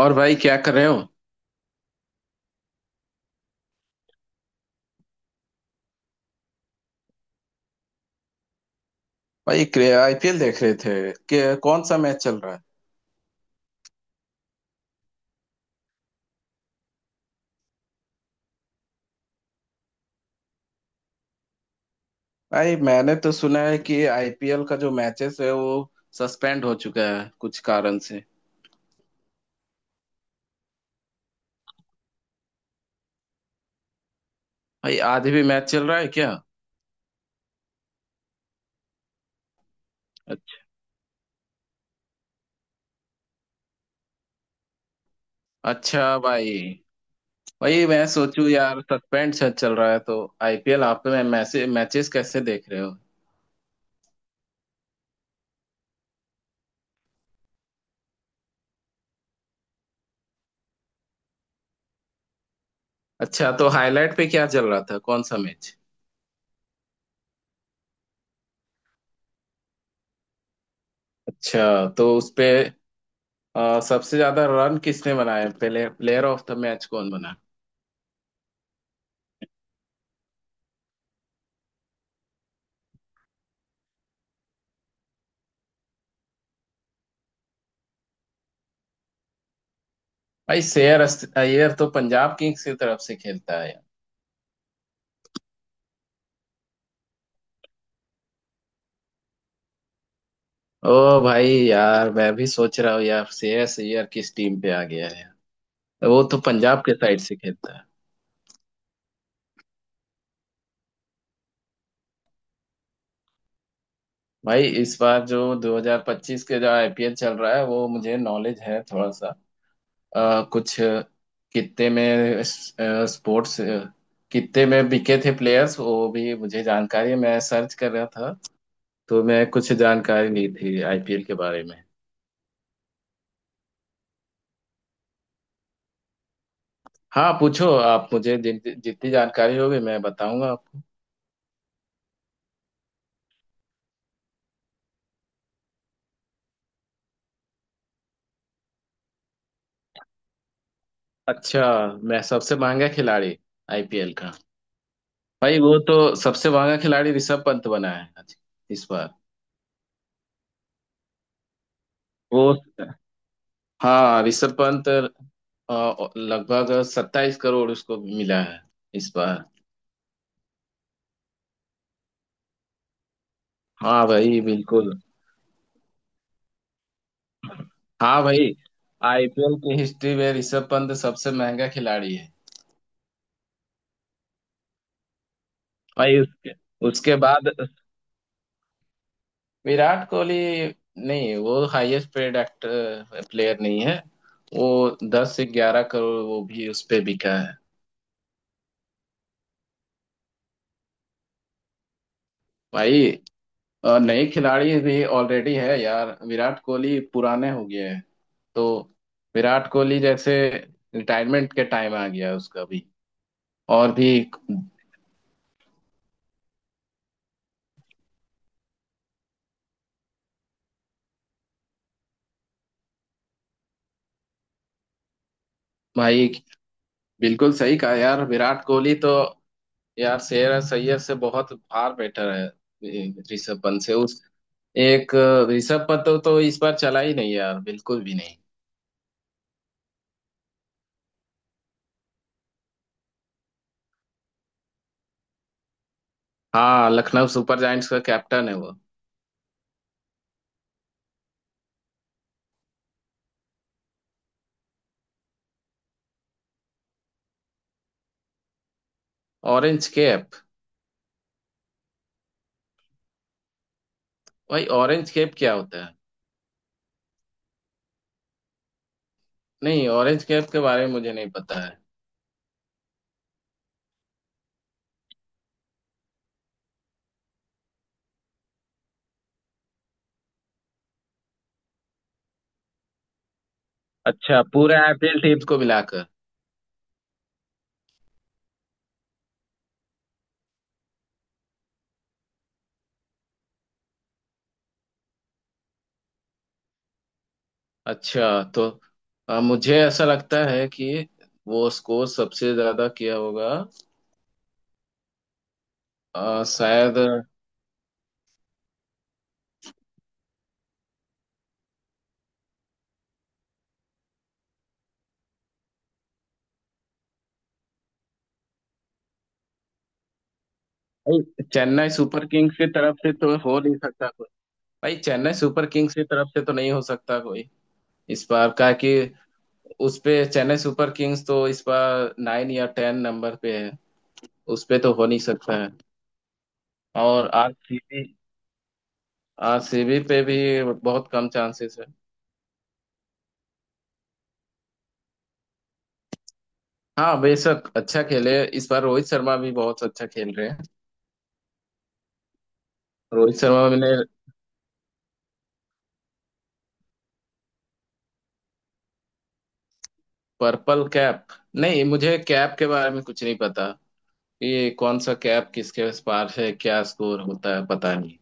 और भाई क्या कर रहे हो। भाई आईपीएल देख रहे थे कि कौन सा मैच चल रहा है। भाई मैंने तो सुना है कि आईपीएल का जो मैचेस है वो सस्पेंड हो चुका है कुछ कारण से। भाई आधे भी मैच चल रहा है क्या। अच्छ- अच्छा भाई। भाई मैं सोचूं यार सस्पेंड चल रहा है तो आईपीएल आप में मैसे मैचेस कैसे देख रहे हो। अच्छा तो हाईलाइट पे क्या चल रहा था कौन सा मैच। अच्छा तो उसपे सबसे ज्यादा रन किसने बनाए पहले प्लेयर ऑफ द मैच कौन बना। भाई श्रेयस अय्यर तो पंजाब किंग्स की तरफ से खेलता है यार। ओ भाई यार मैं भी सोच रहा हूँ यार श्रेयस अय्यर किस टीम पे आ गया है यार। वो तो पंजाब के साइड से खेलता है। भाई इस बार जो 2025 के जो आईपीएल चल रहा है वो मुझे नॉलेज है थोड़ा सा। कुछ कितने में स्पोर्ट्स कितने में बिके थे प्लेयर्स वो भी मुझे जानकारी है। मैं सर्च कर रहा था तो मैं कुछ जानकारी ली थी आईपीएल के बारे में। हाँ पूछो आप मुझे जितनी जानकारी होगी मैं बताऊंगा आपको। अच्छा मैं सबसे महंगा खिलाड़ी आईपीएल का। भाई वो तो सबसे महंगा खिलाड़ी ऋषभ पंत बना है इस बार। वो हाँ ऋषभ पंत लगभग 27 करोड़ उसको मिला है इस बार। हाँ भाई बिल्कुल। हाँ भाई आईपीएल की हिस्ट्री में ऋषभ पंत सबसे महंगा खिलाड़ी है। भाई उसके उसके बाद विराट कोहली। नहीं वो हाईएस्ट पेड एक्टर प्लेयर नहीं है। वो 10 से 11 करोड़ वो भी उस पे बिका है। भाई नए खिलाड़ी भी ऑलरेडी है यार विराट कोहली पुराने हो गए हैं। तो विराट कोहली जैसे रिटायरमेंट के टाइम आ गया उसका भी और भी। भाई बिल्कुल सही कहा यार विराट कोहली तो यार शेर सैयद से बहुत फार बेटर है। ऋषभ पंत से उस एक ऋषभ पंत तो इस बार चला ही नहीं यार बिल्कुल भी नहीं। हाँ लखनऊ सुपर जायंट्स का कैप्टन है वो। Orange cap. भाई ऑरेंज कैप क्या होता है। नहीं ऑरेंज कैप के बारे में मुझे नहीं पता है। अच्छा पूरे आईपीएल टीम को मिलाकर। अच्छा तो मुझे ऐसा लगता है कि वो स्कोर सबसे ज्यादा किया होगा। शायद। भाई, चेन्नई सुपर किंग्स की तरफ से तो हो नहीं सकता। भाई चेन्नई सुपर किंग्स की तरफ से तो नहीं हो सकता कोई इस बार का कि उस पे चेन्नई सुपर किंग्स तो इस बार 9 या 10 नंबर पे है। उस पे तो हो नहीं सकता है। और आरसीबी, आरसीबी पे भी बहुत कम चांसेस है। हाँ बेशक अच्छा खेले इस बार रोहित शर्मा भी बहुत अच्छा खेल रहे हैं। रोहित शर्मा ने पर्पल कैप। नहीं मुझे कैप के बारे में कुछ नहीं पता। ये कौन सा कैप किसके पास है क्या स्कोर होता है पता नहीं।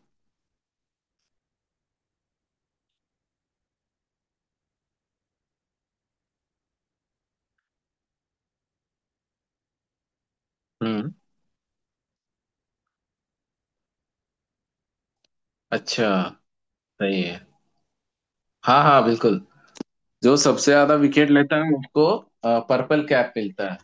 हम्म। अच्छा। सही है। हाँ हाँ बिल्कुल। जो सबसे ज्यादा विकेट लेता है उसको पर्पल कैप मिलता है।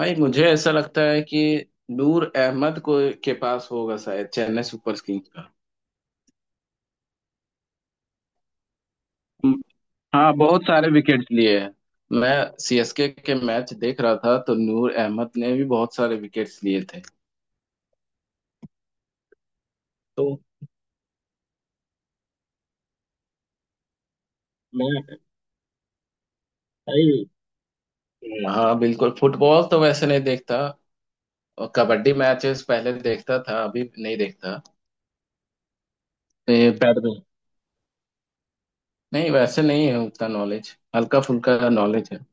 भाई मुझे ऐसा लगता है कि नूर अहमद को के पास होगा शायद चेन्नई सुपर किंग्स का। हम्म, हाँ बहुत सारे विकेट्स लिए हैं। मैं सीएसके के मैच देख रहा था तो नूर अहमद ने भी बहुत सारे विकेट्स लिए थे। तो मैं भाई हाँ बिल्कुल फुटबॉल तो वैसे नहीं देखता। और कबड्डी मैचेस पहले देखता था अभी नहीं देखता। बैडमिंटन नहीं वैसे नहीं है उतना नॉलेज हल्का फुल्का नॉलेज है।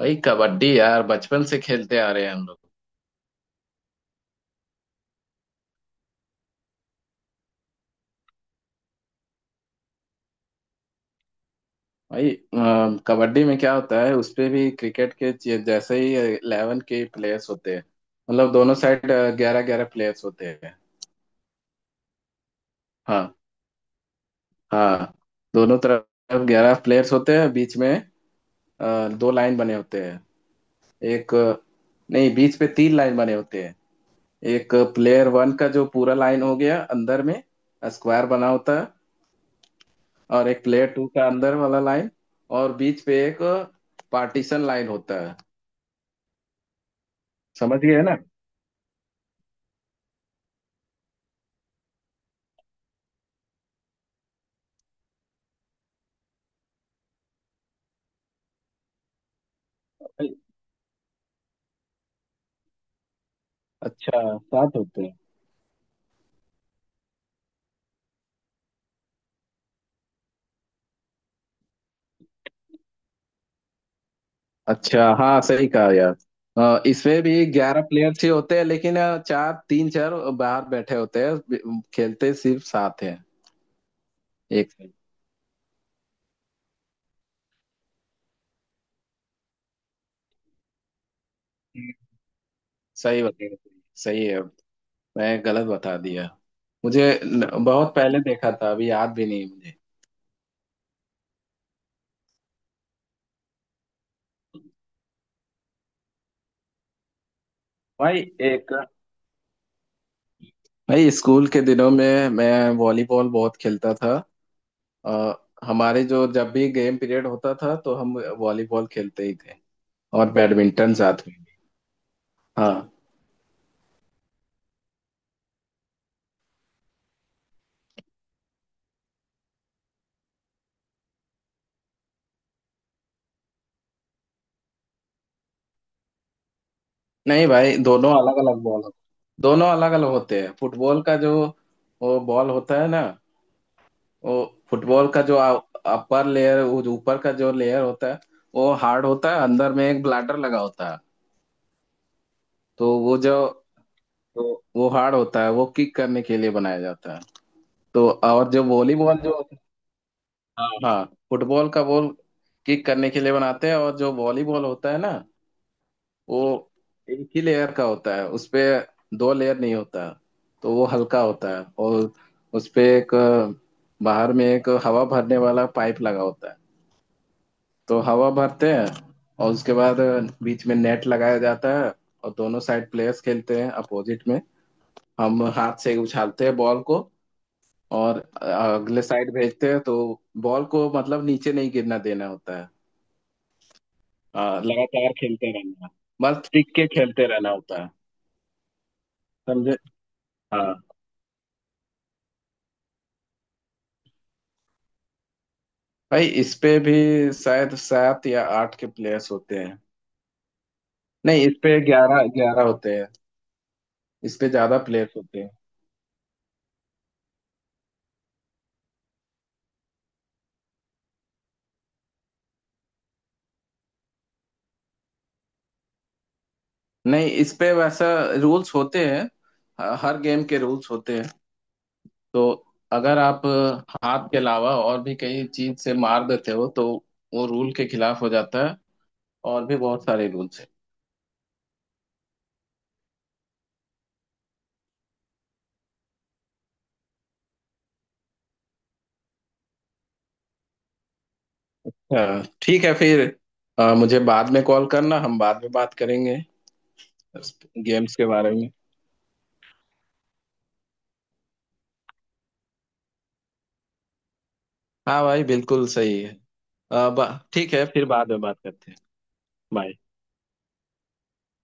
भाई कबड्डी यार बचपन से खेलते आ रहे हैं हम लोग। भाई कबड्डी में क्या होता है उस पे भी क्रिकेट के जैसे ही 11 के प्लेयर्स होते हैं। मतलब दोनों साइड 11 11 प्लेयर्स होते हैं। हाँ हाँ दोनों तरफ 11 प्लेयर्स होते हैं बीच में। दो लाइन बने होते हैं एक नहीं बीच पे तीन लाइन बने होते हैं। एक प्लेयर वन का जो पूरा लाइन हो गया अंदर में स्क्वायर बना होता है। और एक प्लेयर टू का अंदर वाला लाइन और बीच पे एक पार्टीशन लाइन होता है। समझ गए ना। अच्छा सात होते हैं। अच्छा हाँ सही कहा यार। इसमें भी 11 प्लेयर्स ही होते हैं लेकिन चार तीन चार बाहर बैठे होते हैं खेलते सिर्फ सात हैं। एक से। सही बता सही है मैं गलत बता दिया। मुझे बहुत पहले देखा था अभी याद भी नहीं है मुझे। भाई एक। भाई स्कूल के दिनों में मैं वॉलीबॉल बहुत खेलता था। अ, हमारे जो जब भी गेम पीरियड होता था तो हम वॉलीबॉल खेलते ही थे। और बैडमिंटन साथ में भी। हाँ। नहीं भाई दोनों अलग अलग बॉल दोनों अलग अलग होते हैं फुटबॉल का जो वो बॉल होता है ना वो फुटबॉल का जो अपर लेयर वो जो ऊपर का जो लेयर होता है वो हार्ड होता है अंदर में एक ब्लैडर लगा होता है। तो वो जो तो वो हार्ड होता है वो किक करने के लिए बनाया जाता है। तो और जो वॉलीबॉल जो हाँ हाँ फुटबॉल का बॉल किक करने के लिए बनाते हैं और जो वॉलीबॉल होता है ना वो एक ही लेयर का होता है उसपे दो लेयर नहीं होता। तो वो हल्का होता है और उसपे एक बाहर में एक हवा भरने वाला पाइप लगा होता है। तो हवा भरते हैं और उसके बाद बीच में नेट लगाया जाता है। और दोनों साइड प्लेयर्स खेलते हैं अपोजिट में। हम हाथ से उछालते हैं बॉल को और अगले साइड भेजते हैं तो बॉल को मतलब नीचे नहीं गिरना देना होता है। हाँ लगातार खेलते रहना। बस टिक के खेलते रहना होता है। समझे। हाँ भाई इस पे भी शायद 7 या 8 के प्लेयर्स होते हैं। नहीं इस पे 11 11 होते हैं। इस पे ज्यादा प्लेयर्स होते हैं। नहीं इस पे वैसा रूल्स होते हैं। हर गेम के रूल्स होते हैं। तो अगर आप हाथ के अलावा और भी कई चीज से मार देते हो तो वो रूल के खिलाफ हो जाता है। और भी बहुत सारे रूल्स हैं। हाँ, ठीक है फिर। मुझे बाद में कॉल करना हम बाद में बात करेंगे गेम्स के बारे में। हाँ भाई बिल्कुल सही है। अब ठीक है फिर बाद में बात करते हैं। बाय।